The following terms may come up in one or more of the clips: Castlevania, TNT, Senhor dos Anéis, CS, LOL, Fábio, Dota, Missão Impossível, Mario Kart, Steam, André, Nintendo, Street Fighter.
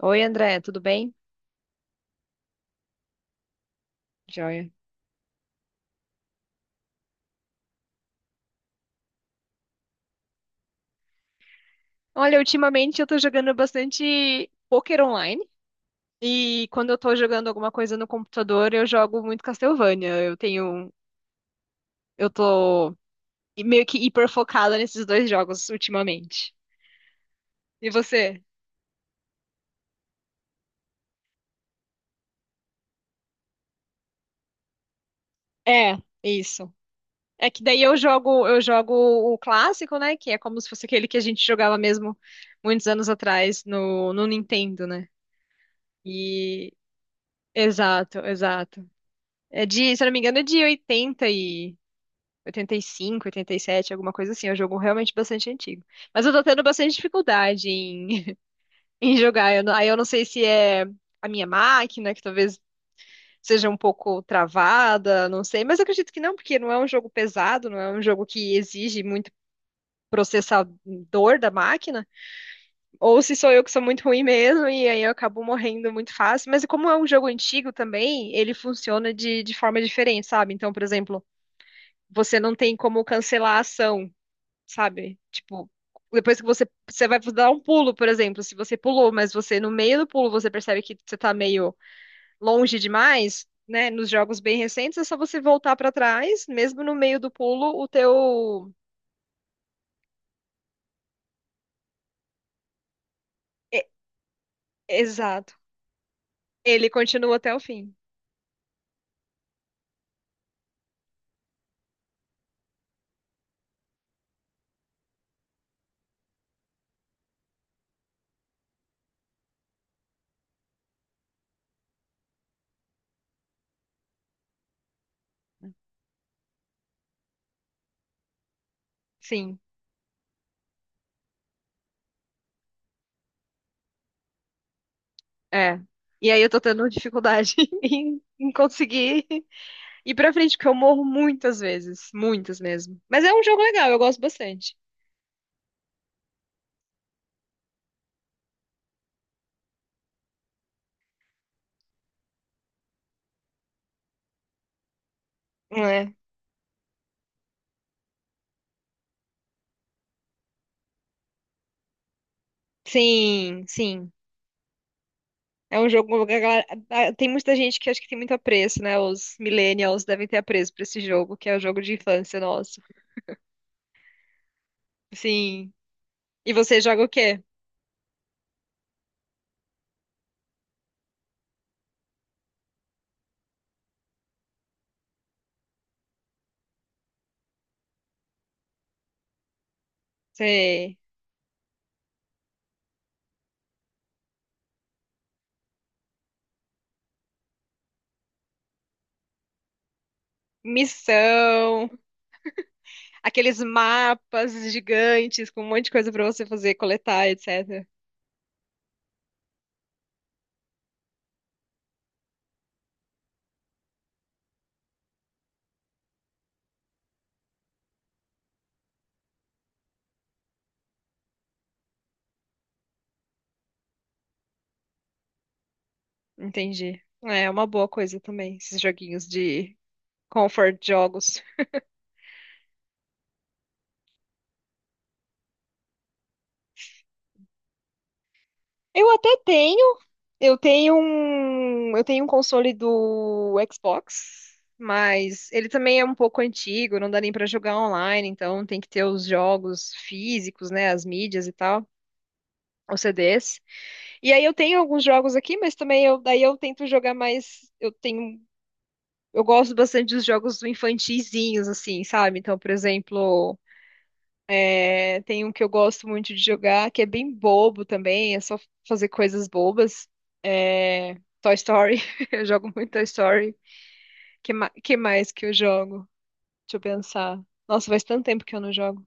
Oi, André, tudo bem? Joia. Olha, ultimamente eu tô jogando bastante poker online e quando eu tô jogando alguma coisa no computador, eu jogo muito Castlevania. Eu tô meio que hiper focada nesses dois jogos ultimamente. E você? É, isso. É que daí eu jogo, o clássico, né, que é como se fosse aquele que a gente jogava mesmo muitos anos atrás no Nintendo, né? E exato, exato. Se eu não me engano, é de 80 e 85, 87, alguma coisa assim. É um jogo realmente bastante antigo. Mas eu tô tendo bastante dificuldade em, em jogar. Eu não- Aí eu não sei se é a minha máquina, que talvez seja um pouco travada, não sei. Mas eu acredito que não, porque não é um jogo pesado, não é um jogo que exige muito processador da máquina. Ou se sou eu que sou muito ruim mesmo, e aí eu acabo morrendo muito fácil. Mas como é um jogo antigo também, ele funciona de forma diferente, sabe? Então, por exemplo, você não tem como cancelar a ação, sabe? Tipo, depois que você vai dar um pulo, por exemplo, se você pulou, mas você no meio do pulo você percebe que você tá meio longe demais, né? Nos jogos bem recentes é só você voltar pra trás, mesmo no meio do pulo, e- exato. Ele continua até o fim. Sim, é. E aí eu tô tendo dificuldade em conseguir ir pra frente, porque eu morro muitas vezes, muitas mesmo. Mas é um jogo legal, eu gosto bastante. É. Sim, sim. É um jogo que ah, tem muita gente que acho que tem muito apreço, né? Os millennials devem ter apreço pra esse jogo, que é o jogo de infância nosso. Sim. E você joga o quê? Você... Missão, aqueles mapas gigantes com um monte de coisa pra você fazer, coletar, etc. Entendi. É é uma boa coisa também, esses joguinhos de comfort jogos. Eu até tenho. Eu tenho um console do Xbox, mas ele também é um pouco antigo, não dá nem pra jogar online, então tem que ter os jogos físicos, né, as mídias e tal, os CDs. E aí eu tenho alguns jogos aqui, mas também daí eu tento jogar mais, eu gosto bastante dos jogos infantizinhos assim, sabe? Então, por exemplo, é, tem um que eu gosto muito de jogar, que é bem bobo também, é só fazer coisas bobas. É, Toy Story, eu jogo muito Toy Story. Que mais que eu jogo? Deixa eu pensar. Nossa, faz tanto tempo que eu não jogo.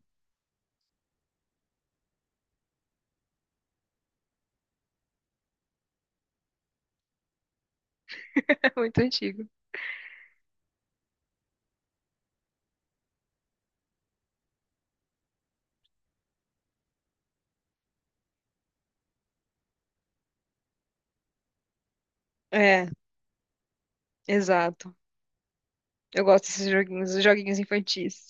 É muito antigo. É, exato. Eu gosto desses joguinhos, os joguinhos infantis.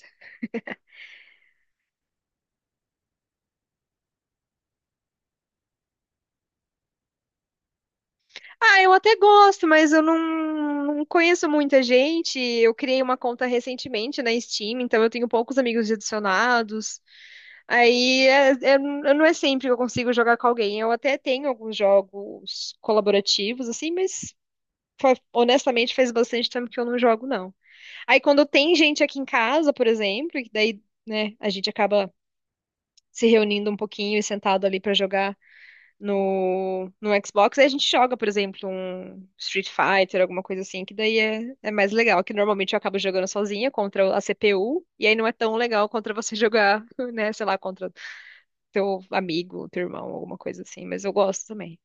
Ah, eu até gosto, mas eu não conheço muita gente. Eu criei uma conta recentemente na Steam, então eu tenho poucos amigos adicionados. Aí eu não é sempre que eu consigo jogar com alguém. Eu até tenho alguns jogos colaborativos, assim, mas honestamente faz bastante tempo que eu não jogo, não. Aí quando tem gente aqui em casa, por exemplo, que daí, né, a gente acaba se reunindo um pouquinho e sentado ali pra jogar no Xbox, aí a gente joga, por exemplo, um Street Fighter, alguma coisa assim, que daí é mais legal, que normalmente eu acabo jogando sozinha contra a CPU, e aí não é tão legal contra você jogar, né, sei lá, contra teu amigo, teu irmão, alguma coisa assim, mas eu gosto também.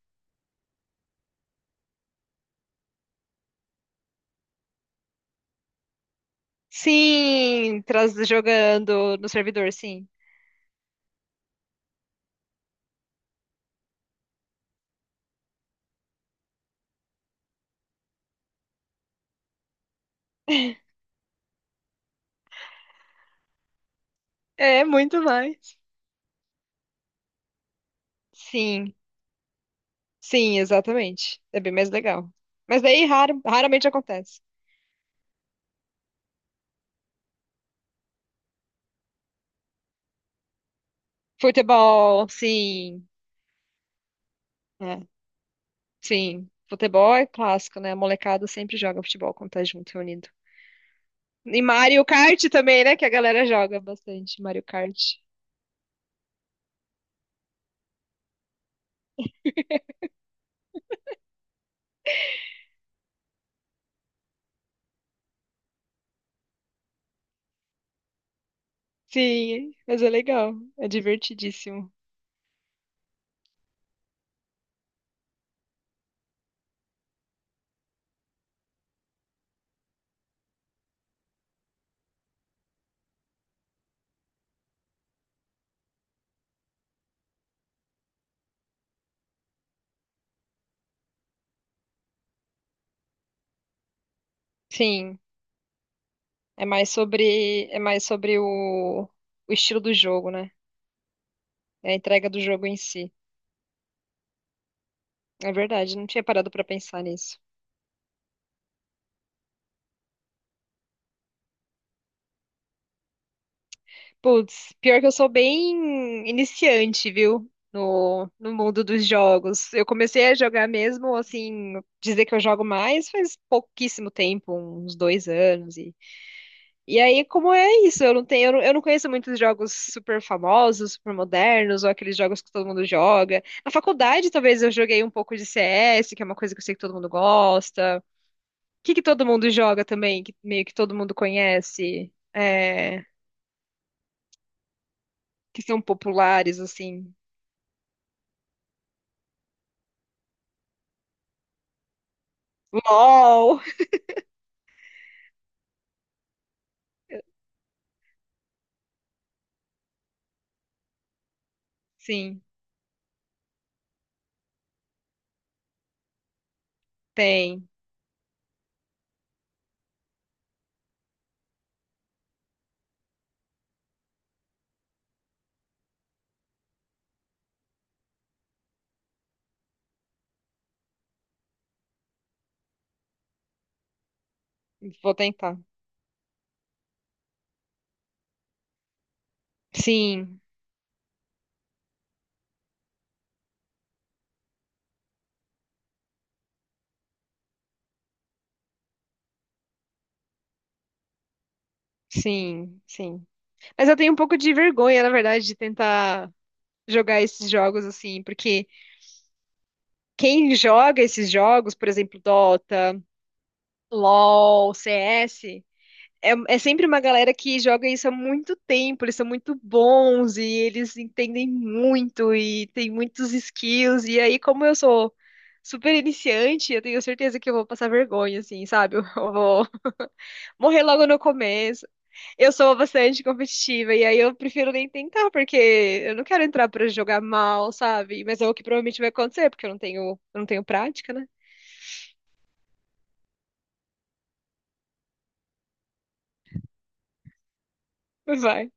Sim, traz jogando no servidor, sim. É muito mais. Sim, sim, exatamente. É bem mais legal. Mas daí raro, raramente acontece. Futebol, sim. É, sim. Futebol é clássico, né? A molecada sempre joga futebol quando tá junto, reunido. E Mario Kart também, né? Que a galera joga bastante. Mario Kart. Sim, mas é legal. É divertidíssimo. Sim. É mais sobre o estilo do jogo, né? É a entrega do jogo em si. É verdade, não tinha parado pra pensar nisso. Putz, pior que eu sou bem iniciante, viu? No mundo dos jogos. Eu comecei a jogar mesmo, assim, dizer que eu jogo mais faz pouquíssimo tempo, uns dois anos. E aí, como é isso? Eu não tenho, eu não conheço muitos jogos super famosos, super modernos, ou aqueles jogos que todo mundo joga. Na faculdade, talvez eu joguei um pouco de CS, que é uma coisa que eu sei que todo mundo gosta. O que que todo mundo joga também, que meio que todo mundo conhece, é, que são populares, assim. LOL! Sim, tem. Vou tentar. Sim, sim, sim. Mas eu tenho um pouco de vergonha, na verdade, de tentar jogar esses jogos assim, porque quem joga esses jogos, por exemplo, Dota, LoL, CS, é, é sempre uma galera que joga isso há muito tempo, eles são muito bons e eles entendem muito e tem muitos skills. E aí, como eu sou super iniciante, eu tenho certeza que eu vou passar vergonha, assim, sabe? Eu vou morrer logo no começo. Eu sou bastante competitiva e aí eu prefiro nem tentar, porque eu não quero entrar pra jogar mal, sabe? Mas é o que provavelmente vai acontecer, porque eu não tenho prática, né? Vai.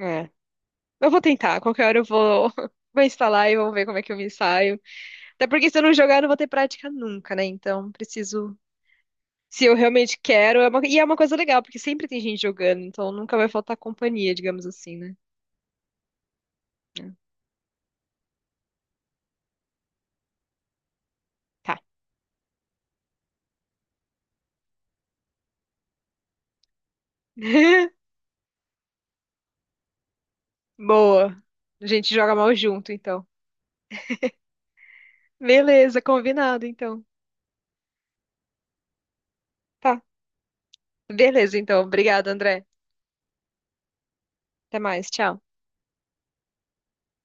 É. Eu vou tentar. Qualquer hora eu vou, vou instalar e vou ver como é que eu me saio. Até porque se eu não jogar, eu não vou ter prática nunca, né? Então, preciso. Se eu realmente quero. E é uma coisa legal, porque sempre tem gente jogando, então nunca vai faltar companhia, digamos assim, né? É. Tá. Boa. A gente joga mal junto, então. Beleza, combinado, então. Tá. Beleza, então. Obrigada, André. Até mais. Tchau.